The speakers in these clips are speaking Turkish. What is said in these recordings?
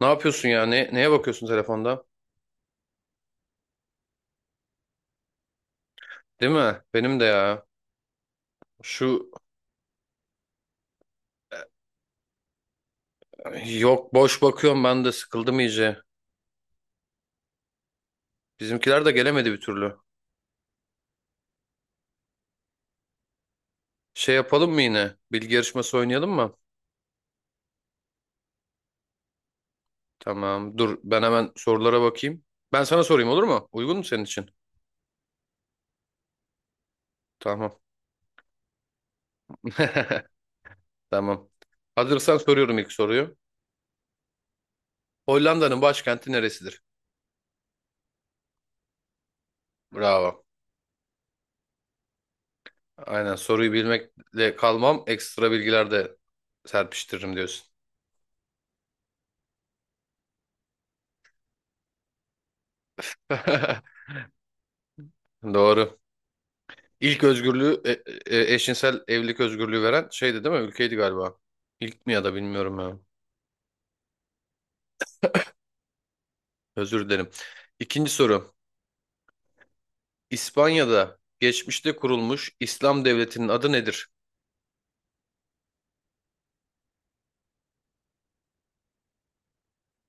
Ne yapıyorsun ya? Ne, neye bakıyorsun telefonda? Değil mi? Benim de ya. Şu yok boş bakıyorum ben de sıkıldım iyice. Bizimkiler de gelemedi bir türlü. Şey yapalım mı yine? Bilgi yarışması oynayalım mı? Tamam. Dur ben hemen sorulara bakayım. Ben sana sorayım olur mu? Uygun mu senin için? Tamam. Tamam. Hazırsan soruyorum ilk soruyu. Hollanda'nın başkenti neresidir? Bravo. Aynen soruyu bilmekle kalmam ekstra bilgiler de serpiştiririm diyorsun. Doğru. İlk özgürlüğü eşcinsel evlilik özgürlüğü veren şeydi değil mi? Ülkeydi galiba. İlk mi ya da bilmiyorum ya. Özür dilerim. İkinci soru. İspanya'da geçmişte kurulmuş İslam devletinin adı nedir?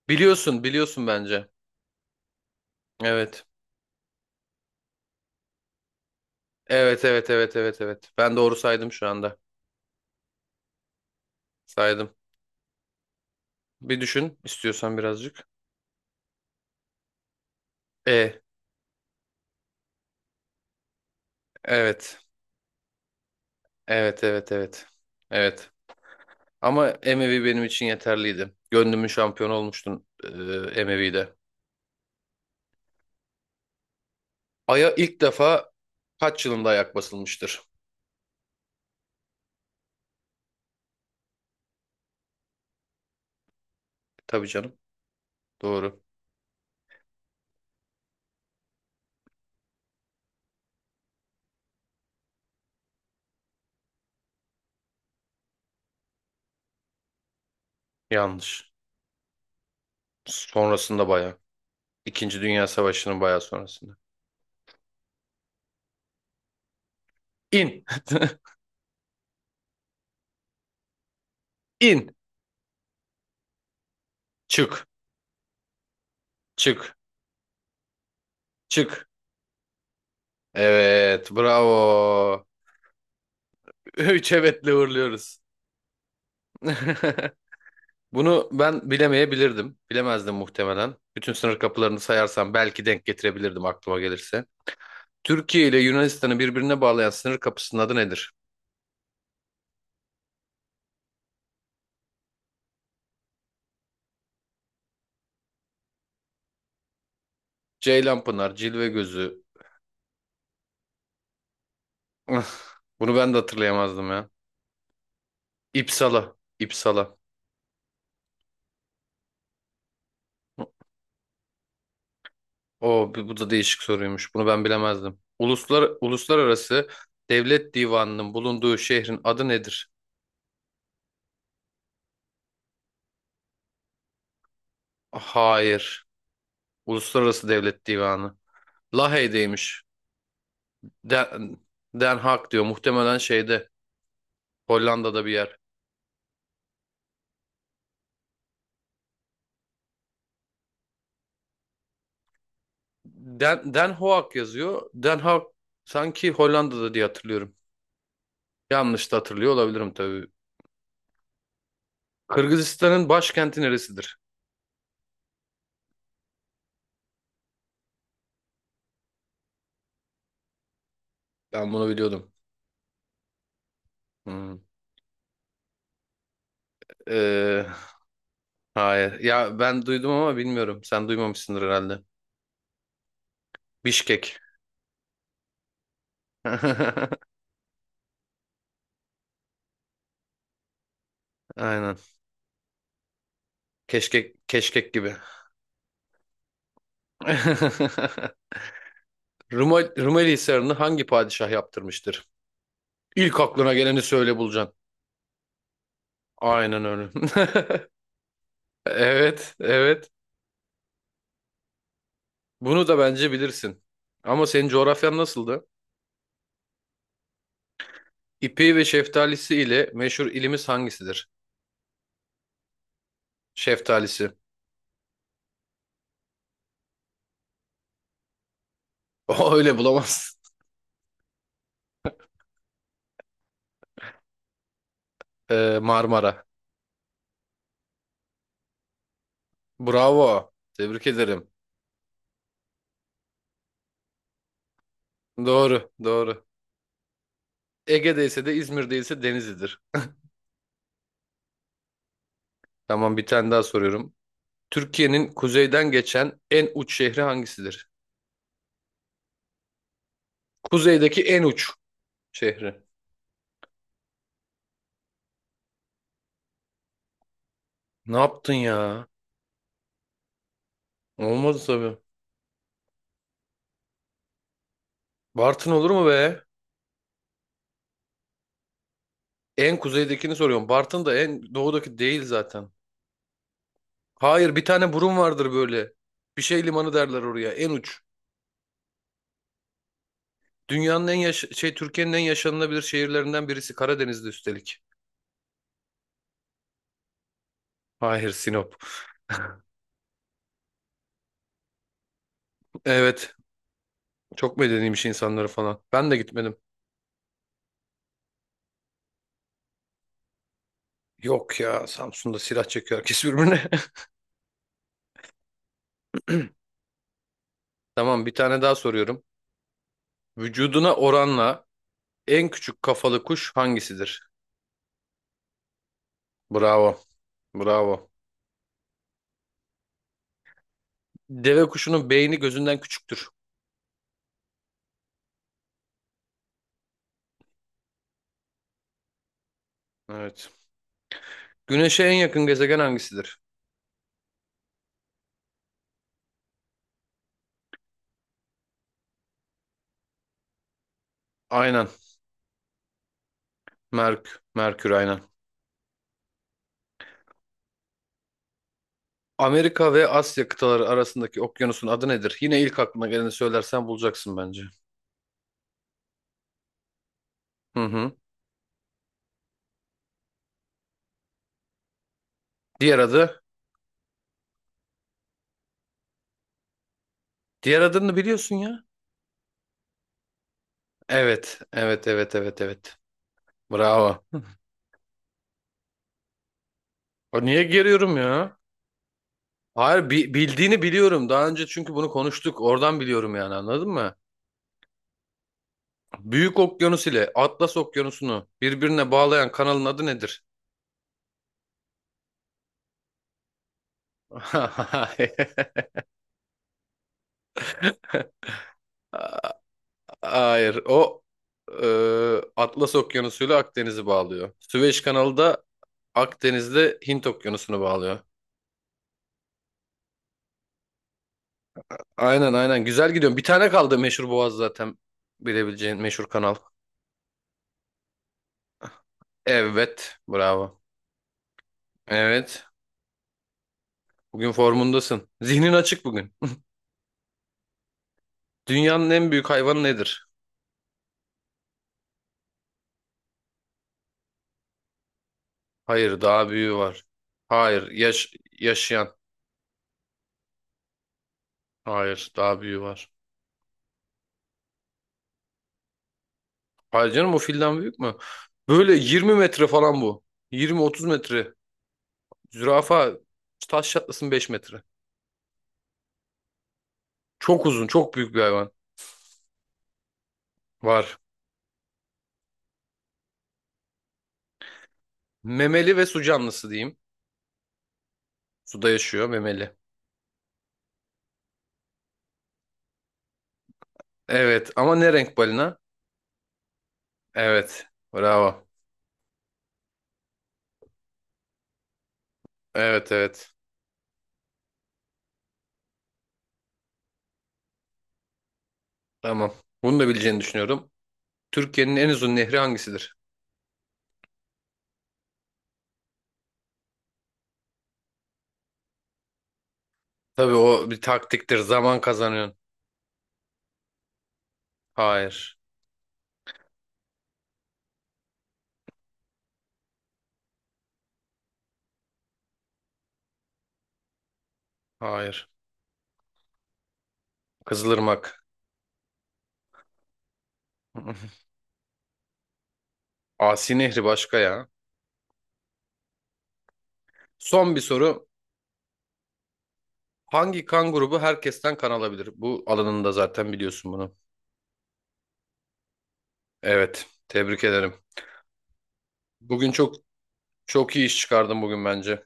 Biliyorsun bence. Evet. Evet, evet, evet, evet, evet. Ben doğru saydım şu anda. Saydım. Bir düşün istiyorsan birazcık. E, evet. Evet, evet, evet. Evet. Ama Emevi benim için yeterliydi. Gönlümün şampiyonu olmuştun Emevi'de. Ay'a ilk defa kaç yılında ayak basılmıştır? Tabii canım. Doğru. Yanlış. Sonrasında bayağı. İkinci Dünya Savaşı'nın bayağı sonrasında. İn. İn. Çık. Çık. Çık. Evet. Bravo. Üç evetle uğurluyoruz. Bunu ben bilemeyebilirdim. Bilemezdim muhtemelen. Bütün sınır kapılarını sayarsam belki denk getirebilirdim aklıma gelirse. Türkiye ile Yunanistan'ı birbirine bağlayan sınır kapısının adı nedir? Ceylanpınar, Cilvegözü. Üf, bunu ben de hatırlayamazdım ya. İpsala. İpsala. O bu da değişik soruymuş. Bunu ben bilemezdim. Uluslararası Devlet Divanı'nın bulunduğu şehrin adı nedir? Hayır. Uluslararası Devlet Divanı. Lahey'deymiş. Den, Den Haag diyor. Muhtemelen şeyde. Hollanda'da bir yer. Den Haag yazıyor. Den Haag sanki Hollanda'da diye hatırlıyorum. Yanlış da hatırlıyor olabilirim tabii. Kırgızistan'ın başkenti neresidir? Ben bunu biliyordum. Hmm. Ee, hayır. Ya ben duydum ama bilmiyorum. Sen duymamışsındır herhalde. Bişkek. Aynen. Keşkek gibi. Rumeli Hisarı'nı hangi padişah yaptırmıştır? İlk aklına geleni söyle bulacaksın. Aynen öyle. Evet, evet. Bunu da bence bilirsin. Ama senin coğrafyan nasıldı? İpeği ve şeftalisi ile meşhur ilimiz hangisidir? Şeftalisi. O öyle bulamazsın. Marmara. Bravo. Tebrik ederim. Doğru, doğru. Ege'deyse de İzmir'deyse Denizli'dir. Tamam, bir tane daha soruyorum. Türkiye'nin kuzeyden geçen en uç şehri hangisidir? Kuzeydeki en uç şehri. Ne yaptın ya? Olmaz tabii. Bartın olur mu be? En kuzeydekini soruyorum. Bartın da en doğudaki değil zaten. Hayır, bir tane burun vardır böyle. Bir şey limanı derler oraya. En uç. Dünyanın en yaş şey, Türkiye'nin en yaşanılabilir şehirlerinden birisi. Karadeniz'de üstelik. Hayır, Sinop. Evet. Çok medeniymiş insanları falan. Ben de gitmedim. Yok ya, Samsun'da silah çekiyor herkes birbirine. Tamam, bir tane daha soruyorum. Vücuduna oranla en küçük kafalı kuş hangisidir? Bravo. Bravo. Deve kuşunun beyni gözünden küçüktür. Evet. Güneşe en yakın gezegen hangisidir? Aynen. Merkür aynen. Amerika ve Asya kıtaları arasındaki okyanusun adı nedir? Yine ilk aklına geleni söylersen bulacaksın bence. Hı hı. Diğer adı? Diğer adını biliyorsun ya. Evet. Evet, evet, evet, evet. Bravo. O niye geriyorum ya? Hayır, bildiğini biliyorum. Daha önce çünkü bunu konuştuk. Oradan biliyorum, yani anladın mı? Büyük Okyanus ile Atlas Okyanusu'nu birbirine bağlayan kanalın adı nedir? Hayır. Hayır. O e, Atlas Okyanusu ile Akdeniz'i bağlıyor. Süveyş Kanalı da Akdeniz'de Hint Okyanusu'nu bağlıyor. Aynen aynen. Güzel gidiyorum. Bir tane kaldı meşhur boğaz zaten. Bilebileceğin meşhur kanal. Evet. Bravo. Evet. Bugün formundasın. Zihnin açık bugün. Dünyanın en büyük hayvanı nedir? Hayır, daha büyüğü var. Hayır, yaşayan. Hayır, daha büyüğü var. Hayır canım, o filden büyük mü? Böyle 20 metre falan bu. 20-30 metre. Zürafa taş çatlasın 5 metre. Çok uzun, çok büyük bir hayvan. Var. Memeli ve su canlısı diyeyim. Suda yaşıyor, memeli. Evet ama ne renk balina? Evet. Bravo. Evet, evet. Tamam. Bunu da bileceğini düşünüyorum. Türkiye'nin en uzun nehri hangisidir? Tabii o bir taktiktir. Zaman kazanıyorsun. Hayır. Hayır. Kızılırmak. Asi Nehri başka ya. Son bir soru. Hangi kan grubu herkesten kan alabilir? Bu alanında zaten biliyorsun bunu. Evet. Tebrik ederim. Bugün çok çok iyi iş çıkardın bugün bence.